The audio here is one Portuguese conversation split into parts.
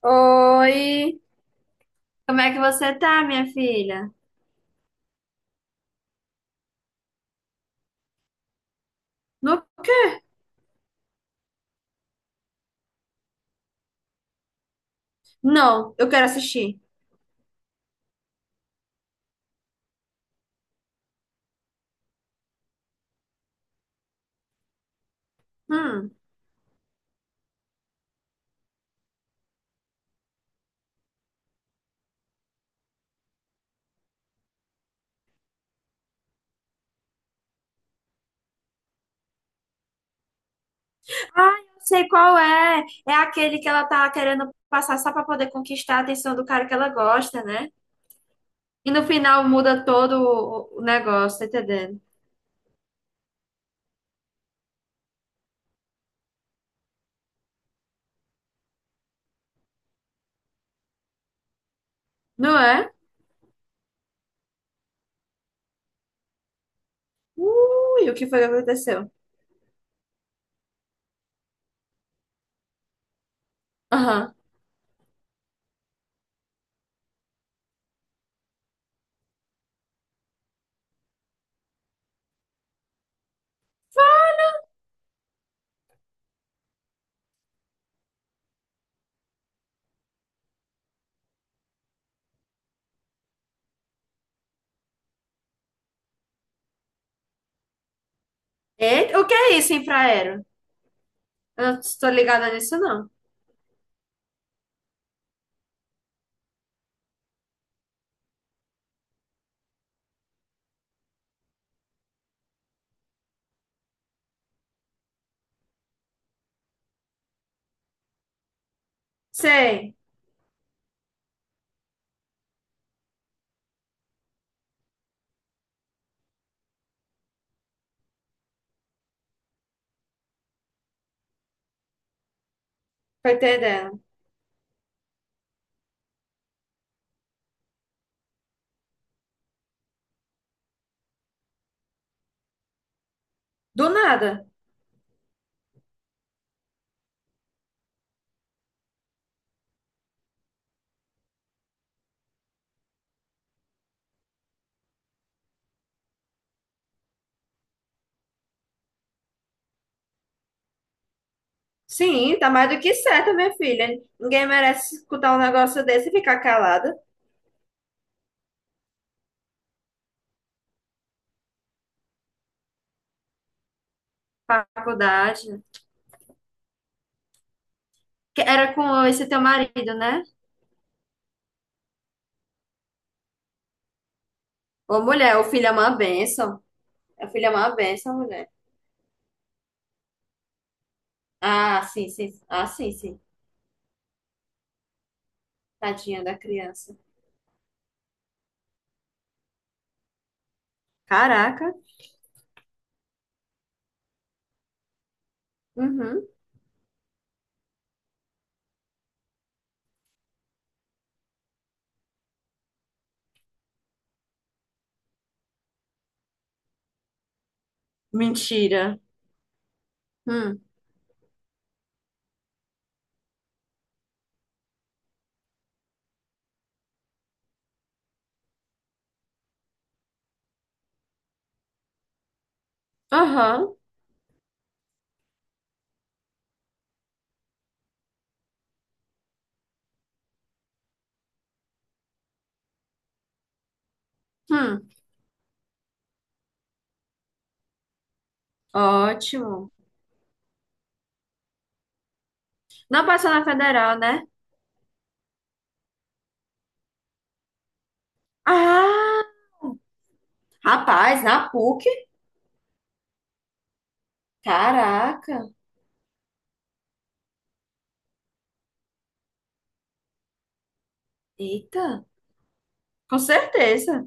Oi, como é que você tá, minha filha? No quê? Não, eu quero assistir. Hum. Ah, eu sei qual é. É aquele que ela tá querendo passar só pra poder conquistar a atenção do cara que ela gosta, né? E no final muda todo o negócio, tá entendendo? Não é? Ui, o que foi que aconteceu? Aham. Eita, o que é isso, infraero? Eu não tô ligada nisso, não. Sei, tô entendendo. Do nada. Sim, tá mais do que certo, minha filha. Ninguém merece escutar um negócio desse e ficar calada. Faculdade. Que era com esse teu marido, né? Ô, mulher, o filho é uma bênção. O filho é uma bênção, mulher. Ah, sim, sim. Ah, sim, sim. Tadinha da criança. Caraca. Uhum. Mentira. Hum. Aham. Hum. Ótimo. Não passou na federal, né? Ah, rapaz, na PUC? Caraca. Eita. Com certeza.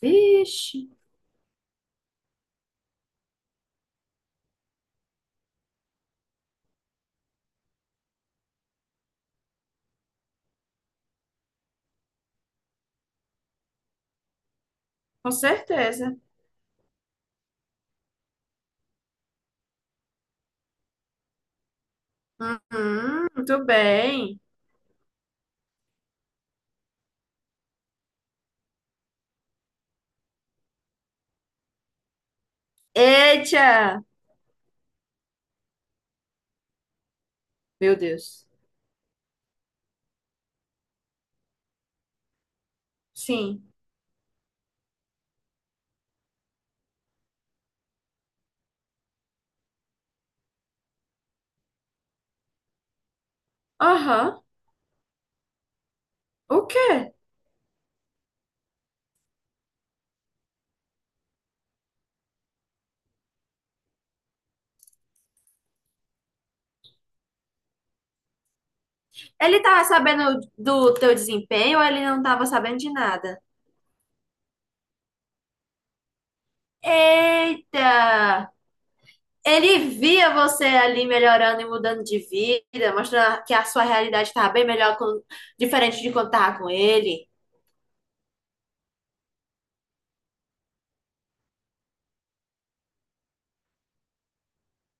Vixe, com certeza. Uhum, muito bem. Eita! Meu Deus. Sim. Aham. O quê? Ele tava sabendo do teu desempenho ou ele não tava sabendo de nada? Eita! Ele via você ali melhorando e mudando de vida, mostrando que a sua realidade estava bem melhor, com- diferente de quando estava com ele.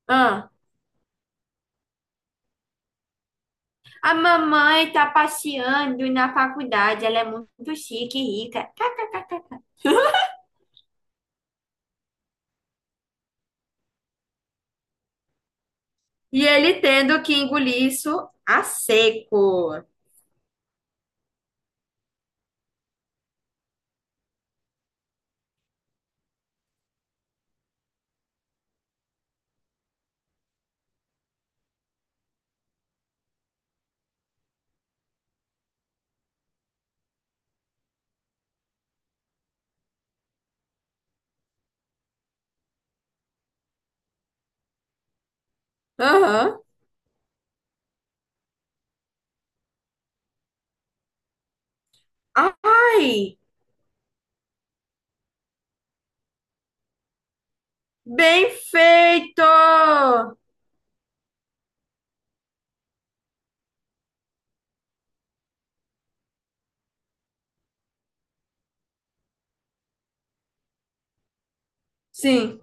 Ah, a mamãe tá passeando na faculdade, ela é muito chique e rica. E ele tendo que engolir isso a seco. Aham. Ai, bem feito! Sim.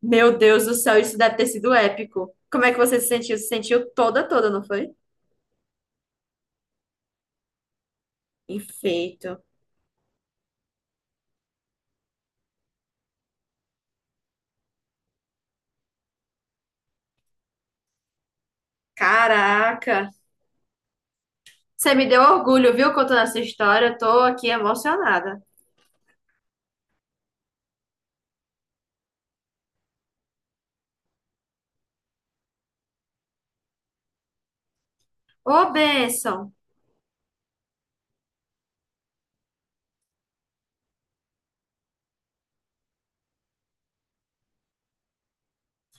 Meu Deus do céu, isso deve ter sido épico. Como é que você se sentiu? Se sentiu toda, toda, não foi? Perfeito. Caraca. Você me deu orgulho, viu, contando essa história. Eu tô aqui emocionada. Ô, bênção.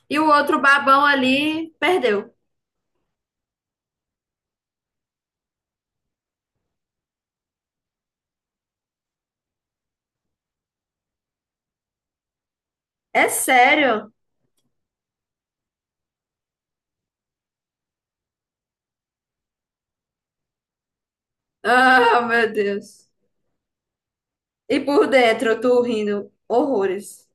E o outro babão ali perdeu. É sério? Ah, meu Deus. E por dentro, eu tô rindo horrores.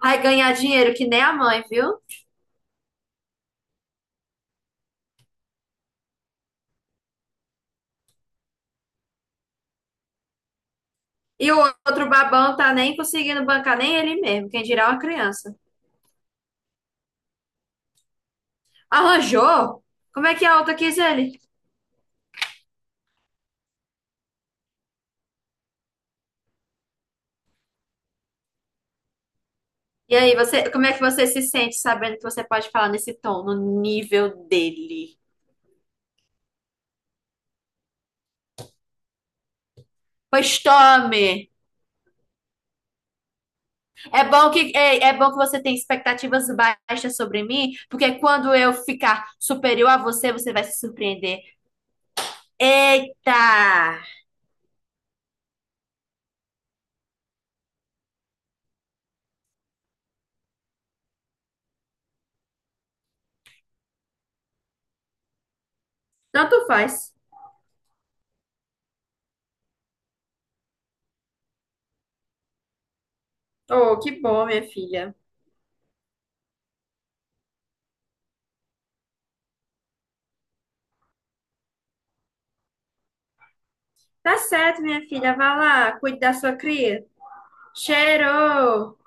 Vai ganhar dinheiro que nem a mãe, viu? E o outro babão tá nem conseguindo bancar nem ele mesmo, quem dirá uma criança. Arranjou? Como é que a outra quis ele? E aí, você, como é que você se sente sabendo que você pode falar nesse tom, no nível dele? Pois tome! É bom que, é bom que você tem expectativas baixas sobre mim, porque quando eu ficar superior a você, você vai se surpreender. Eita! Tanto faz. Oh, que bom, minha filha. Tá certo, minha filha. Vá lá, cuide da sua cria. Cheiro!